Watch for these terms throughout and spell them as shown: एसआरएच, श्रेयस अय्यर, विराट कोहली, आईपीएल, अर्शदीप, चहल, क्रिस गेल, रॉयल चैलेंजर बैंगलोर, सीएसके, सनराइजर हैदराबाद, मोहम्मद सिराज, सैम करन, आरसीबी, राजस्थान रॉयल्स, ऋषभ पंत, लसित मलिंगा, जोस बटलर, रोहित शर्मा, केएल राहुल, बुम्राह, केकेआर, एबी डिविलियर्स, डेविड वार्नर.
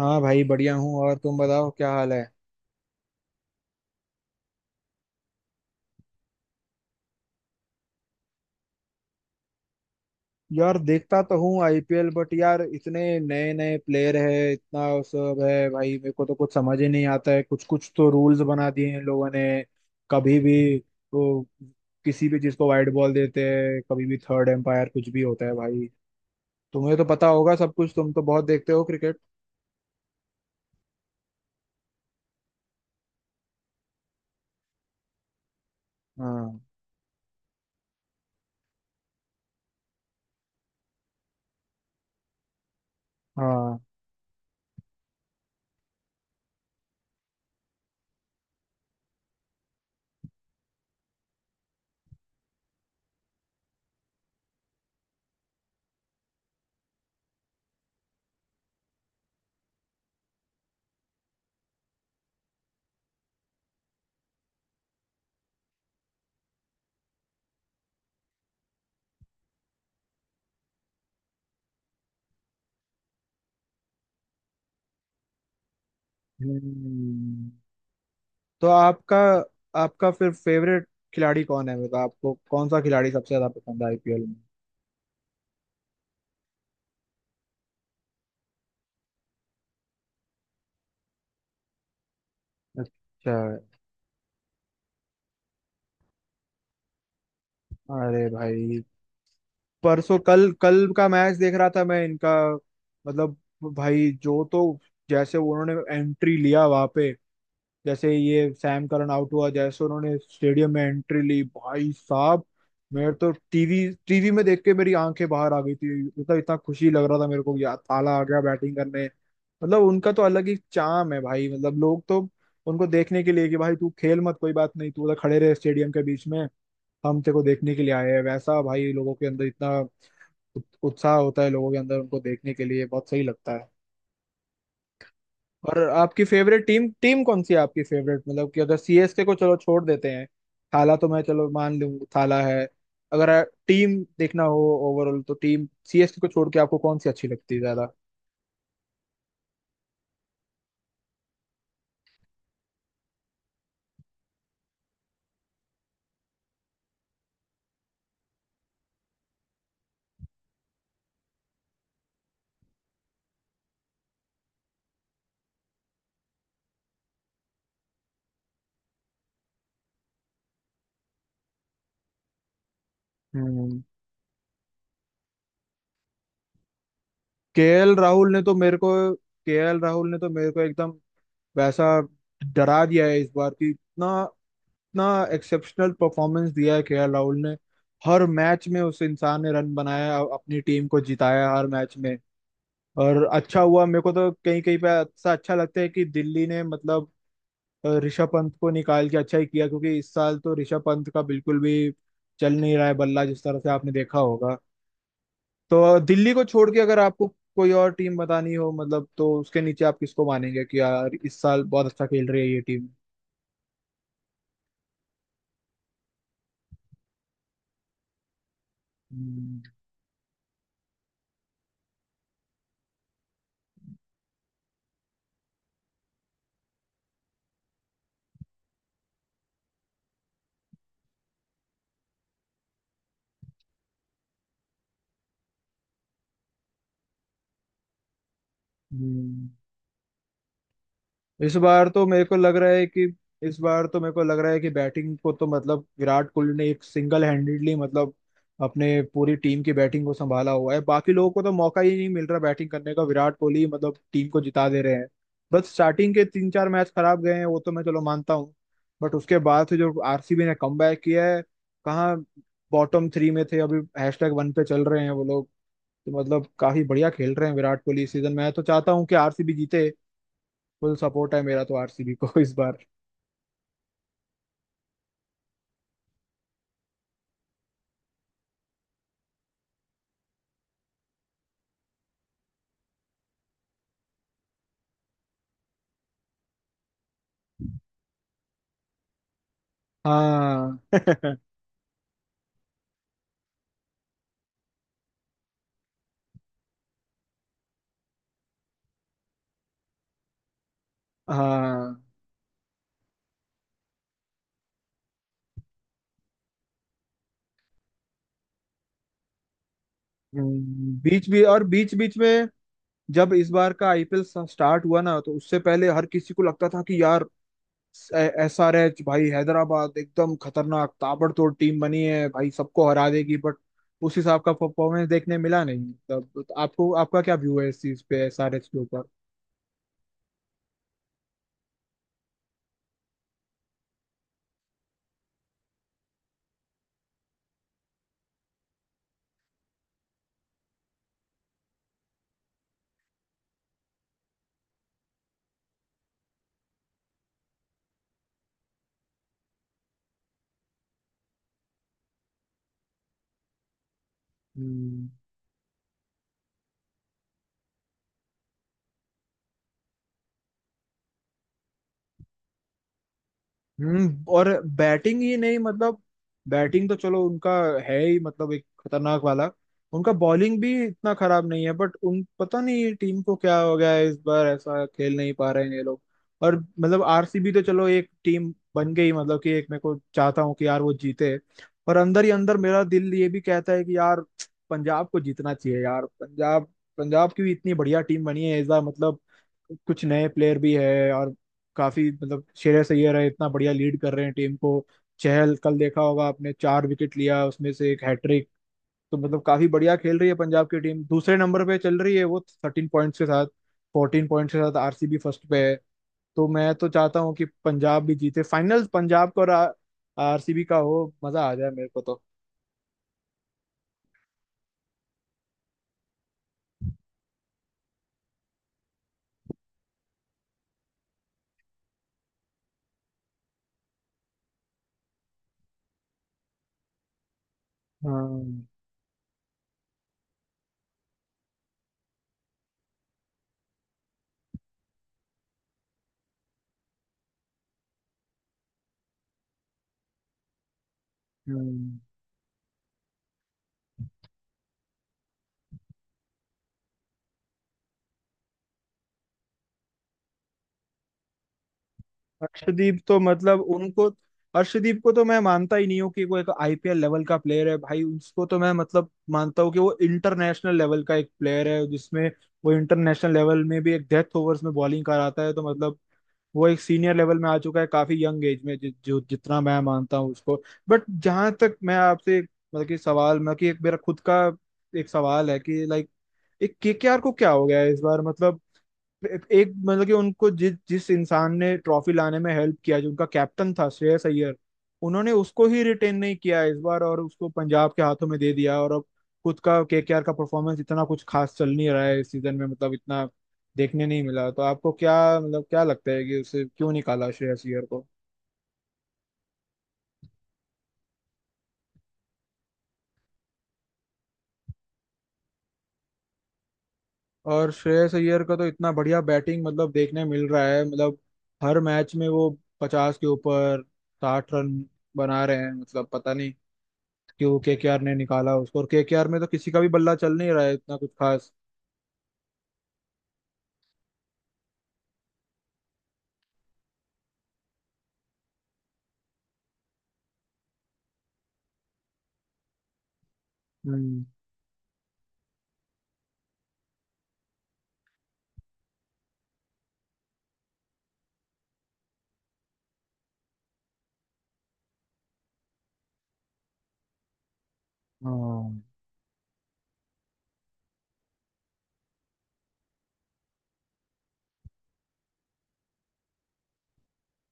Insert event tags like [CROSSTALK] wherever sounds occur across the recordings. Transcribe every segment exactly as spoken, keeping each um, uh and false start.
हाँ भाई, बढ़िया हूँ। और तुम बताओ, क्या हाल है? यार देखता तो हूँ आईपीएल, बट यार इतने नए नए प्लेयर है, इतना सब है भाई, मेरे को तो कुछ समझ ही नहीं आता है। कुछ कुछ तो रूल्स बना दिए हैं लोगों ने। कभी भी वो किसी भी चीज को वाइड बॉल देते हैं, कभी भी थर्ड एम्पायर कुछ भी होता है भाई। तुम्हें तो पता होगा सब कुछ, तुम तो बहुत देखते हो क्रिकेट। हाँ। हाँ। हम्म। तो आपका आपका फिर फेवरेट खिलाड़ी कौन है? मतलब आपको कौन सा खिलाड़ी सबसे ज्यादा पसंद है आईपीएल? अच्छा। अरे भाई, परसों कल कल का मैच देख रहा था मैं इनका। मतलब भाई जो तो, जैसे उन्होंने एंट्री लिया वहां पे, जैसे ये सैम करन आउट हुआ, जैसे उन्होंने स्टेडियम में एंट्री ली भाई साहब, मेरे तो टीवी टीवी में देख के मेरी आंखें बाहर आ गई थी। मतलब इतना खुशी लग रहा था मेरे को यार, ताला आ गया बैटिंग करने। मतलब उनका तो अलग ही चाम है भाई। मतलब लोग तो उनको देखने के लिए, कि भाई तू खेल मत कोई बात नहीं, तू उधर खड़े रहे स्टेडियम के बीच में, हम तेरे को देखने के लिए आए हैं, वैसा भाई लोगों के अंदर इतना उत- उत्साह होता है लोगों के अंदर उनको देखने के लिए, बहुत सही लगता है। और आपकी फेवरेट टीम टीम कौन सी है? आपकी फेवरेट मतलब कि, अगर सीएसके को चलो छोड़ देते हैं, थाला तो मैं चलो मान लूं, थाला है। अगर टीम देखना हो ओवरऑल, तो टीम सीएसके को छोड़ के आपको कौन सी अच्छी लगती है ज्यादा? हम्म। केएल राहुल ने तो मेरे को केएल राहुल ने तो मेरे को एकदम वैसा डरा दिया है इस बार, कि इतना इतना एक्सेप्शनल परफॉर्मेंस दिया है केएल राहुल ने। हर मैच में उस इंसान ने रन बनाया, अ- अपनी टीम को जिताया हर मैच में। और अच्छा हुआ, मेरे को तो कहीं कहीं पे ऐसा अच्छा लगता है कि दिल्ली ने, मतलब अ, ऋषभ पंत को निकाल के अच्छा ही किया। क्योंकि इस साल तो ऋषभ पंत का बिल्कुल भी चल नहीं रहा है बल्ला, जिस तरह से आपने देखा होगा। तो दिल्ली को छोड़ के अगर आपको कोई और टीम बतानी हो मतलब, तो उसके नीचे आप किसको मानेंगे कि यार इस साल बहुत अच्छा खेल रही है ये टीम? हम्म। हम्म। इस बार तो मेरे को लग रहा है कि इस बार तो मेरे को लग रहा है कि बैटिंग को तो, मतलब विराट कोहली ने एक सिंगल हैंडेडली मतलब अपने पूरी टीम की बैटिंग को संभाला हुआ है। बाकी लोगों को तो मौका ही नहीं मिल रहा बैटिंग करने का। विराट कोहली मतलब टीम को जिता दे रहे हैं। बस स्टार्टिंग के तीन चार मैच खराब गए हैं, वो तो मैं चलो मानता हूँ, बट उसके बाद से जो आरसीबी ने कमबैक किया है, कहाँ बॉटम थ्री में थे, अभी हैशटैग वन पे चल रहे हैं वो लोग। तो मतलब काफी बढ़िया खेल रहे हैं विराट कोहली इस सीजन। मैं तो चाहता हूँ कि आरसीबी जीते। फुल सपोर्ट है मेरा तो आरसीबी को इस बार। हाँ [LAUGHS] हाँ। हम्म, बीच भी और बीच बीच में जब इस बार का आईपीएल स्टार्ट हुआ ना, तो उससे पहले हर किसी को लगता था कि यार एसआरएच भाई, हैदराबाद एकदम खतरनाक ताबड़तोड़ टीम बनी है भाई, सबको हरा देगी। बट उस हिसाब का परफॉर्मेंस देखने मिला नहीं तब। तो आपको आपका क्या व्यू है इस चीज पे एसआरएच के ऊपर? हम्म। हम्म। और बैटिंग ही नहीं मतलब, बैटिंग तो चलो उनका है ही मतलब एक खतरनाक वाला, उनका बॉलिंग भी इतना खराब नहीं है। बट उन पता नहीं टीम को क्या हो गया है इस बार, ऐसा खेल नहीं पा रहे हैं ये लोग। और मतलब आरसीबी तो चलो एक टीम बन गई, मतलब कि एक मेरे को चाहता हूँ कि यार वो जीते। पर अंदर ही अंदर मेरा दिल ये भी कहता है कि यार पंजाब को जीतना चाहिए। यार पंजाब, पंजाब की भी इतनी बढ़िया टीम बनी है इस बार। मतलब कुछ नए प्लेयर भी है, और काफी मतलब श्रेयस अय्यर है, इतना बढ़िया लीड कर रहे हैं टीम को। चहल कल देखा होगा आपने, चार विकेट लिया उसमें से एक हैट्रिक। तो मतलब काफी बढ़िया खेल रही है पंजाब की टीम, दूसरे नंबर पे चल रही है वो थर्टीन पॉइंट्स के साथ। फोर्टीन पॉइंट्स के साथ आरसीबी फर्स्ट पे है। तो मैं तो चाहता हूँ कि पंजाब भी जीते। फाइनल पंजाब का और आरसीबी का हो, मजा आ जाए मेरे को तो। हाँ। हम्म अर्शदीप तो मतलब उनको, अर्शदीप को तो मैं मानता ही नहीं हूँ कि वो एक आईपीएल लेवल का प्लेयर है भाई। उसको तो मैं मतलब मानता हूँ कि वो इंटरनेशनल लेवल का एक प्लेयर है जिसमें वो इंटरनेशनल लेवल में भी एक डेथ ओवर्स में बॉलिंग कराता है। तो मतलब वो एक सीनियर लेवल में आ चुका है काफी यंग एज में, जि, जो जितना मैं मानता हूँ उसको। बट जहां तक मैं आपसे एक, मतलब कि सवाल मतलब कि एक मेरा खुद का एक सवाल है कि लाइक, एक केकेआर को क्या हो गया है इस बार मतलब एक एक मतलब कि उनको जिस जिस इंसान ने ट्रॉफी लाने में हेल्प किया, जो उनका कैप्टन था श्रेयस अय्यर, उन्होंने उसको ही रिटेन नहीं किया इस बार, और उसको पंजाब के हाथों में दे दिया। और अब खुद का केकेआर का परफॉर्मेंस इतना कुछ खास चल नहीं रहा है इस सीजन में, मतलब इतना देखने नहीं मिला। तो आपको क्या मतलब क्या लगता है कि उसे क्यों निकाला श्रेयस अय्यर को? और श्रेयस अय्यर का तो इतना बढ़िया बैटिंग मतलब देखने मिल रहा है, मतलब हर मैच में वो पचास के ऊपर साठ रन बना रहे हैं। मतलब पता नहीं क्यों केकेआर ने निकाला उसको। और केकेआर में तो किसी का भी बल्ला चल नहीं रहा है इतना कुछ खास। हम्म। हाँ।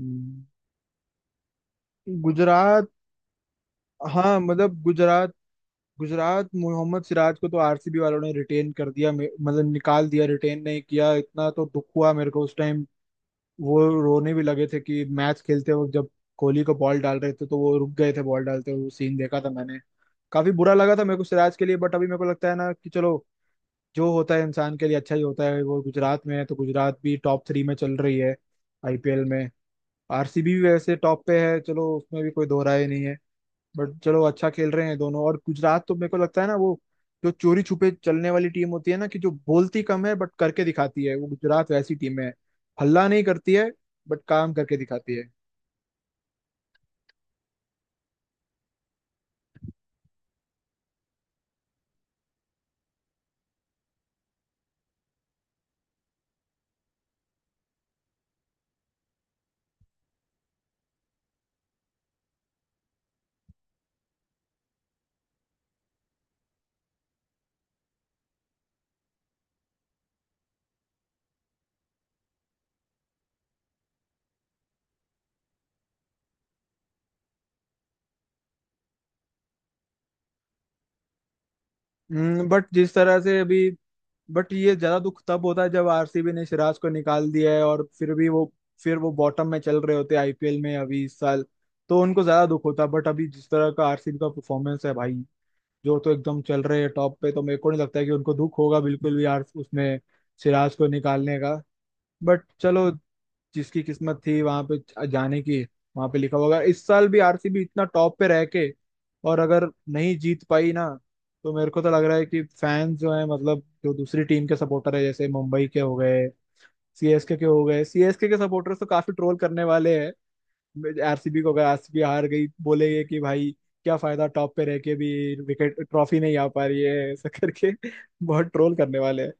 हम्म, गुजरात। हाँ मतलब गुजरात, गुजरात मोहम्मद सिराज को तो आरसीबी वालों ने रिटेन कर दिया, मे- मतलब निकाल दिया, रिटेन नहीं किया, इतना तो दुख हुआ मेरे को उस टाइम। वो रोने भी लगे थे कि मैच खेलते वक्त, जब कोहली को बॉल डाल रहे थे तो वो रुक गए थे बॉल डालते हुए, वो सीन देखा था मैंने। काफी बुरा लगा था मेरे को सिराज के लिए, बट अभी मेरे को लगता है ना कि चलो जो होता है इंसान के लिए अच्छा ही होता है। वो गुजरात में है, तो गुजरात भी टॉप थ्री में चल रही है आईपीएल में। आरसीबी भी वैसे टॉप पे है, चलो उसमें भी कोई दो राय नहीं है। बट चलो अच्छा खेल रहे हैं दोनों। और गुजरात तो मेरे को लगता है ना, वो जो चोरी छुपे चलने वाली टीम होती है ना, कि जो बोलती कम है बट करके दिखाती है, वो गुजरात वैसी टीम है। हल्ला नहीं करती है बट काम करके दिखाती है। बट जिस तरह से अभी, बट ये ज्यादा दुख तब होता है जब आरसीबी ने सिराज को निकाल दिया है और फिर भी वो फिर वो बॉटम में चल रहे होते हैं आईपीएल में अभी इस साल, तो उनको ज्यादा दुख होता है। बट अभी जिस तरह का आरसीबी का परफॉर्मेंस है भाई, जो तो एकदम चल रहे हैं टॉप पे, तो मेरे को नहीं लगता है कि उनको दुख होगा बिल्कुल भी यार उसमें सिराज को निकालने का। बट चलो, जिसकी किस्मत थी वहां पे जाने की, वहां पे लिखा होगा। इस साल भी आरसीबी इतना टॉप पे रह के और अगर नहीं जीत पाई ना, तो मेरे को तो लग रहा है कि फैंस जो है मतलब, जो दूसरी टीम के सपोर्टर है, जैसे मुंबई के हो गए, सीएसके के हो गए, सीएसके के सपोर्टर्स तो काफी ट्रोल करने वाले हैं आरसीबी को। अगर आरसीबी हार गई, बोलेंगे कि भाई क्या फायदा टॉप पे रह के भी, विकेट ट्रॉफी नहीं आ पा रही है, ऐसा करके [LAUGHS] बहुत ट्रोल करने वाले हैं।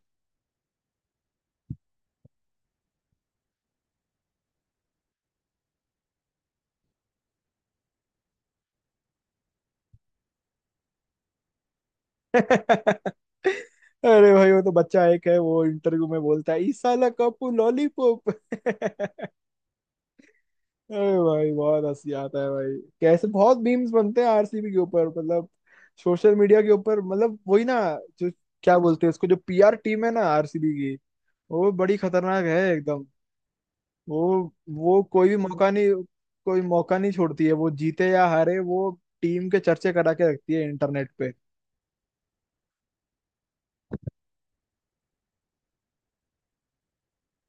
[LAUGHS] अरे भाई, वो तो बच्चा एक है वो इंटरव्यू में बोलता है ई साला कपू लॉलीपॉप [LAUGHS] अरे भाई, बहुत हंसी आता है भाई। कैसे बहुत मीम्स बनते हैं आरसीबी के ऊपर, मतलब सोशल मीडिया के ऊपर, मतलब वही ना जो, क्या बोलते हैं उसको, जो पीआर टीम है ना आरसीबी की, वो बड़ी खतरनाक है एकदम। वो वो कोई भी मौका नहीं, कोई मौका नहीं छोड़ती है वो, जीते या हारे वो टीम के चर्चे करा के रखती है इंटरनेट पे।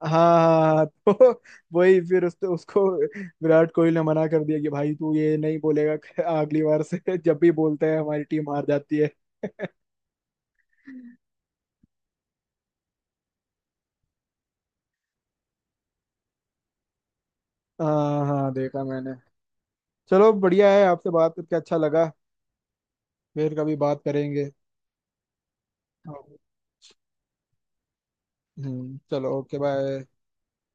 हाँ हाँ हाँ [LAUGHS] तो वही फिर उस, उसको विराट कोहली ने मना कर दिया कि भाई तू ये नहीं बोलेगा अगली बार से [LAUGHS] जब भी बोलते हैं हमारी टीम हार जाती है। हाँ हाँ देखा मैंने। चलो बढ़िया है, आपसे बात करके अच्छा लगा। फिर कभी बात करेंगे। हाँ। हम्म चलो, ओके बाय।